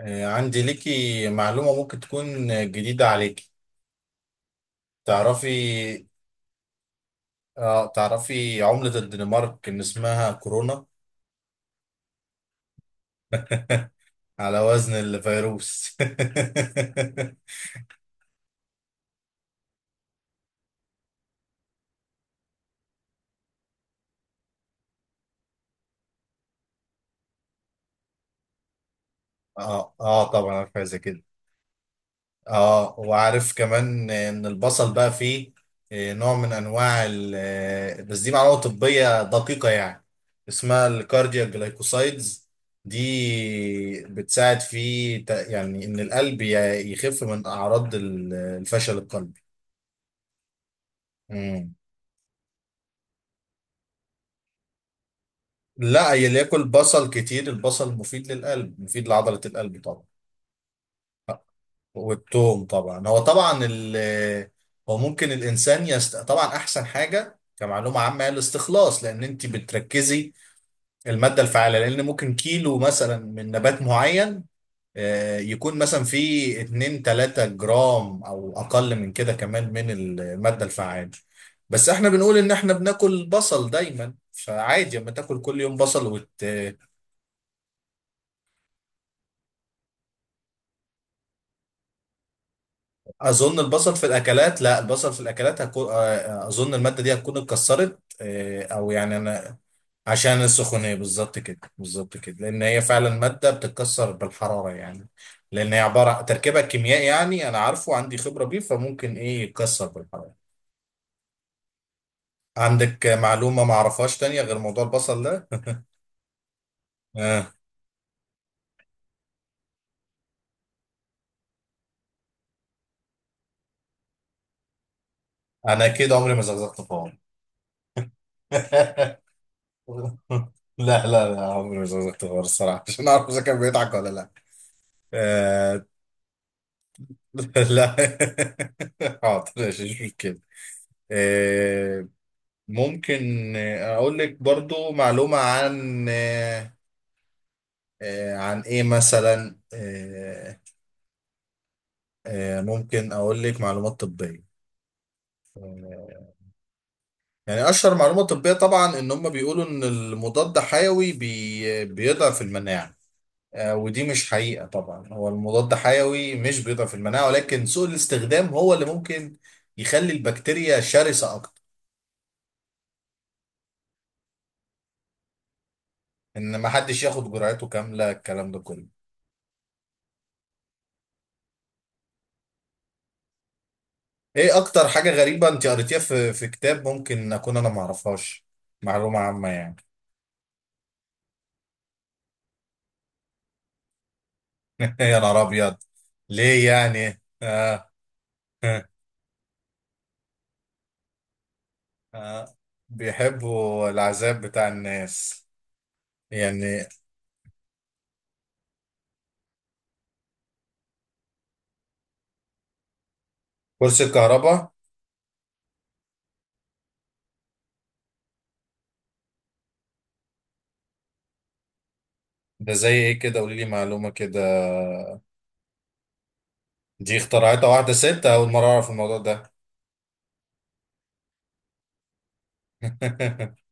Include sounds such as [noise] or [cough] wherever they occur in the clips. عندي ليكي معلومة ممكن تكون جديدة عليكي. تعرفي اه تعرفي عملة الدنمارك ان اسمها كورونا [laughs] على وزن الفيروس [laughs] اه، اه، طبعا عارفة زي كده. اه وعارف كمان ان البصل بقى فيه نوع من انواع بس دي معلومه طبيه دقيقه يعني اسمها الكاردياك جلايكوسايدز. دي بتساعد في يعني ان القلب يخف من اعراض الفشل القلبي. مم. لا يلي ياكل بصل كتير البصل مفيد للقلب، مفيد لعضله القلب طبعا. والتوم طبعا، هو طبعا ال، هو ممكن الانسان طبعا احسن حاجه كمعلومه عامه هي الاستخلاص لان انت بتركزي الماده الفعاله، لان ممكن كيلو مثلا من نبات معين يكون مثلا فيه 2 3 جرام او اقل من كده كمان من الماده الفعاله. بس احنا بنقول ان احنا بناكل بصل دايما فعادي، اما تاكل كل يوم بصل اظن البصل في الاكلات، لا البصل في الاكلات هكون اظن الماده دي هتكون اتكسرت، او يعني انا عشان السخونيه، بالظبط كده بالظبط كده لان هي فعلا ماده بتتكسر بالحراره يعني. لان هي عباره تركيبها الكيميائي، يعني انا عارفه عندي خبره بيه فممكن ايه يتكسر بالحراره. عندك معلومه ما اعرفهاش تانية غير موضوع البصل ده؟ آه، انا كده عمري ما زغزغت خالص. [laughs] لا، لا، لا عمري ما زغزغت خالص الصراحه عشان اعرف اذا كان بيضحك ولا لا. آه، [laughs] لا، حاضر مفيش مشكلة. آه، ممكن أقول لك برضو معلومة عن عن إيه مثلا؟ ممكن أقول لك معلومات طبية. آه، يعني أشهر معلومة طبية طبعا إن هم بيقولوا إن المضاد حيوي بيضعف المناعة. ودي مش حقيقة، طبعا هو المضاد حيوي مش بيضعف المناعة ولكن سوء الاستخدام هو اللي ممكن يخلي البكتيريا شرسة أكتر. ان ما حدش ياخد جرعته كامله الكلام ده كله. ايه اكتر حاجه غريبه انت قريتيها في كتاب ممكن اكون انا ما اعرفهاش؟ معلومه عامه يعني. [laughs] يا نهار ابيض، ليه يعني [laughs] آه. بيحبوا العذاب بتاع الناس يعني. كرسي الكهرباء، ده زي ايه كده، قولي لي معلومه كده. دي اخترعتها واحده ست، اول مره اعرف الموضوع ده. [laughs]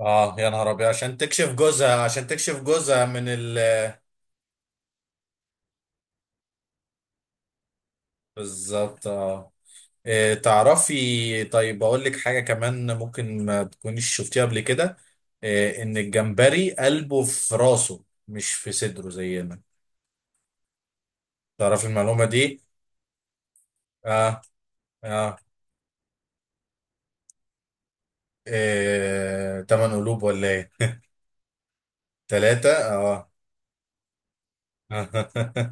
اه يا نهار ابيض، عشان تكشف جوزها، عشان تكشف جوزها من ال. بالظبط اه. تعرفي، طيب اقول لك حاجه كمان ممكن ما تكونيش شفتيها قبل كده. ان الجمبري قلبه في راسه مش في صدره زينا. تعرفي المعلومه دي؟ اه، اه، تمن قلوب ولا ايه؟ ثلاثه اه. [laughs]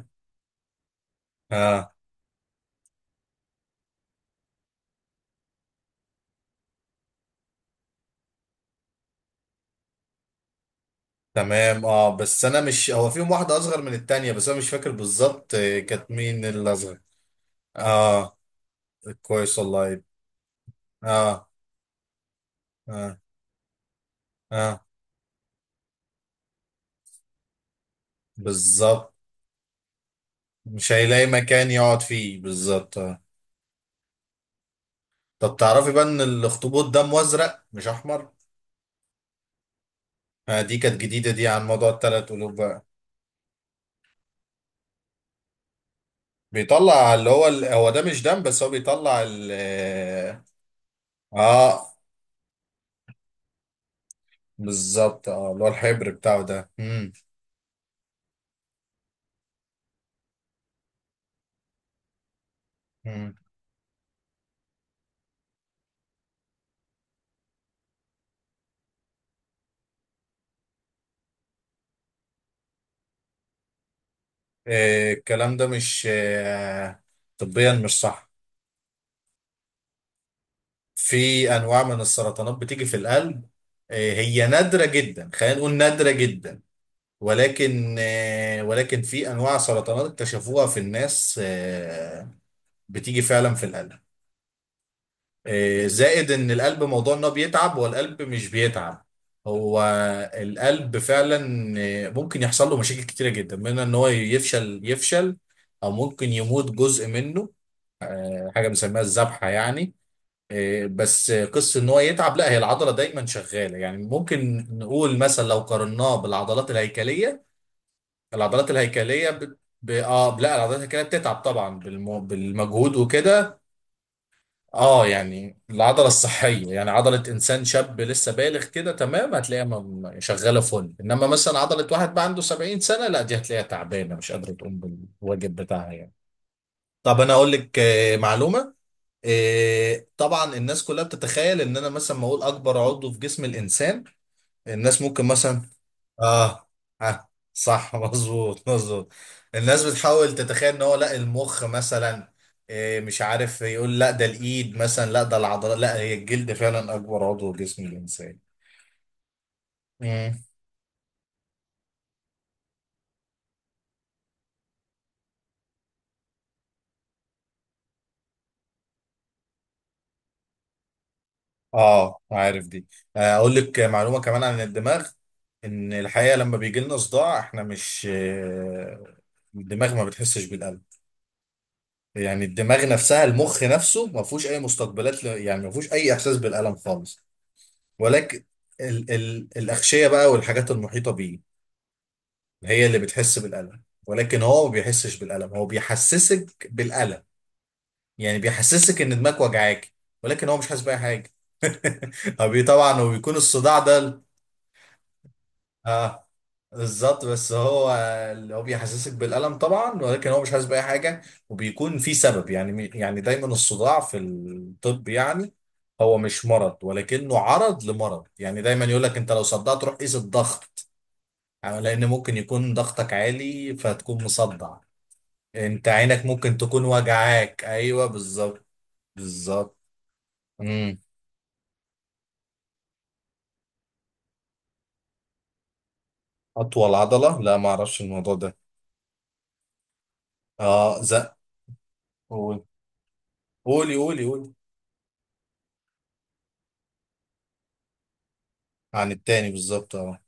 اه تمام، اه، بس انا مش هو فيهم واحده اصغر من التانية بس انا مش فاكر بالظبط، كانت مين الاصغر. اه كويس والله. اه، اه، اه بالظبط، مش هيلاقي مكان يقعد فيه بالظبط طب تعرفي بقى ان الاخطبوط دمه ازرق مش احمر؟ آه دي كانت جديده دي عن موضوع الثلاث قلوب بقى. بيطلع اللي هو ال، هو ده مش دم بس هو بيطلع ال اه. آه، بالظبط اه، اللي هو الحبر بتاعه ده. مم. مم. الكلام ده مش طبيا مش صح. في انواع من السرطانات بتيجي في القلب. آه هي نادره جدا، خلينا نقول نادره جدا، ولكن ولكن في انواع سرطانات اكتشفوها في الناس بتيجي فعلا في القلب. زائد ان القلب موضوع ان هو بيتعب والقلب مش بيتعب. هو القلب فعلا ممكن يحصل له مشاكل كتيره جدا، منها ان هو يفشل، يفشل او ممكن يموت جزء منه. حاجه بنسميها الذبحه يعني. آه، بس آه، قصه ان هو يتعب لا، هي العضله دايما شغاله يعني، ممكن نقول مثلا لو قارناه بالعضلات الهيكليه. العضلات الهيكليه اه لا العضلات الهيكليه بتتعب طبعا بالمجهود وكده. اه يعني العضله الصحيه يعني عضله انسان شاب لسه بالغ كده تمام هتلاقيها شغاله فل، انما مثلا عضله واحد بقى عنده 70 سنه لا دي هتلاقيها تعبانه مش قادره تقوم بالواجب بتاعها يعني. طب انا اقول لك معلومه. طبعا الناس كلها بتتخيل ان انا مثلا ما اقول اكبر عضو في جسم الانسان. الناس ممكن مثلا اه، ها، صح [laughs] مظبوط مظبوط. الناس بتحاول تتخيل ان هو، لا المخ مثلا، مش عارف يقول لا ده الايد مثلا، لا ده العضلات، لا هي الجلد فعلا اكبر عضو في جسم الانسان. مم. اه عارف دي. اقول لك معلومه كمان عن الدماغ، ان الحقيقه لما بيجي لنا صداع احنا مش الدماغ ما بتحسش بالالم. يعني الدماغ نفسها المخ نفسه ما فيهوش اي مستقبلات، يعني ما فيهوش اي احساس بالالم خالص. ولكن ال ال الأغشية بقى والحاجات المحيطة بيه هي اللي بتحس بالألم، ولكن هو ما بيحسش بالألم، هو بيحسسك بالألم. يعني بيحسسك إن دماغك وجعاك ولكن هو مش حاسس بأي حاجة. [laughs] طبعا هو بيكون الصداع ده ال. اه بالظبط، بس هو اللي هو بيحسسك بالألم طبعا ولكن هو مش حاسس بأي حاجة. وبيكون في سبب يعني، يعني دايما الصداع في الطب يعني هو مش مرض ولكنه عرض لمرض. يعني دايما يقول لك انت لو صدعت روح قيس الضغط لان ممكن يكون ضغطك عالي فتكون مصدع. انت عينك ممكن تكون وجعاك، ايوه بالظبط. بالظبط. امم. اطول عضله؟ لا ما اعرفش الموضوع ده. اه زق. قول. قولي قولي قولي. عن التاني بالظبط اه.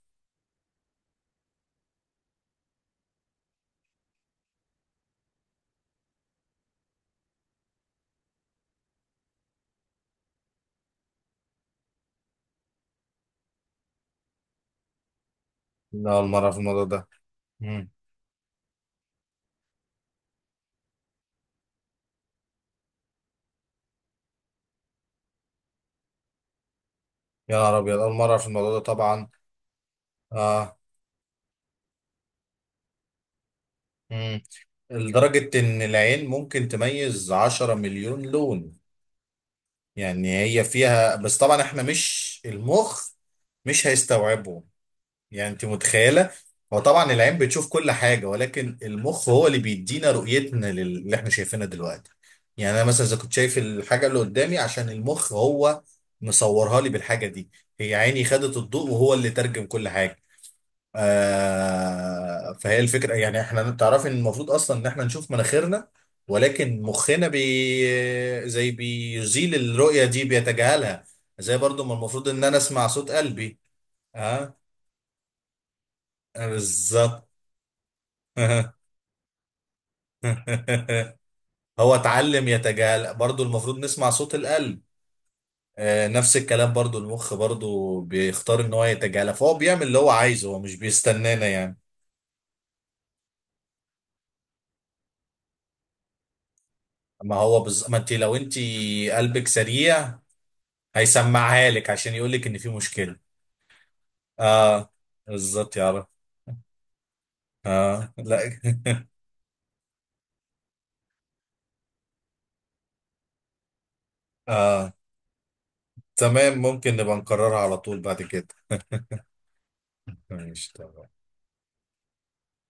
لا اول مره في الموضوع ده. امم. يا نهار ابيض، اول مره في الموضوع ده طبعا. اه. امم. لدرجه ان العين ممكن تميز 10 مليون لون، يعني هي فيها بس، طبعا احنا مش، المخ مش هيستوعبه، يعني انت متخيله. هو طبعا العين بتشوف كل حاجه ولكن المخ هو اللي بيدينا رؤيتنا اللي احنا شايفينها دلوقتي. يعني انا مثلا اذا كنت شايف الحاجه اللي قدامي عشان المخ هو مصورها لي بالحاجه دي، هي عيني خدت الضوء وهو اللي ترجم كل حاجه. آه فهي الفكره يعني احنا، تعرفي ان المفروض اصلا ان احنا نشوف مناخيرنا، ولكن مخنا زي بيزيل الرؤيه دي بيتجاهلها. زي برضو ما المفروض ان انا اسمع صوت قلبي. اه بالظبط. [laughs] هو اتعلم يتجاهل، برضو المفروض نسمع صوت القلب. نفس الكلام، برضو المخ برضو بيختار ان هو يتجاهل، فهو بيعمل اللي هو عايزه هو مش بيستنانا يعني. ما هو بز... ما انت لو انت قلبك سريع هيسمعها لك عشان يقول لك ان في مشكلة. اه بالظبط يا رب. اه لا [laughs] اه تمام، ممكن نبقى نكررها على طول بعد كده. ماشي تمام.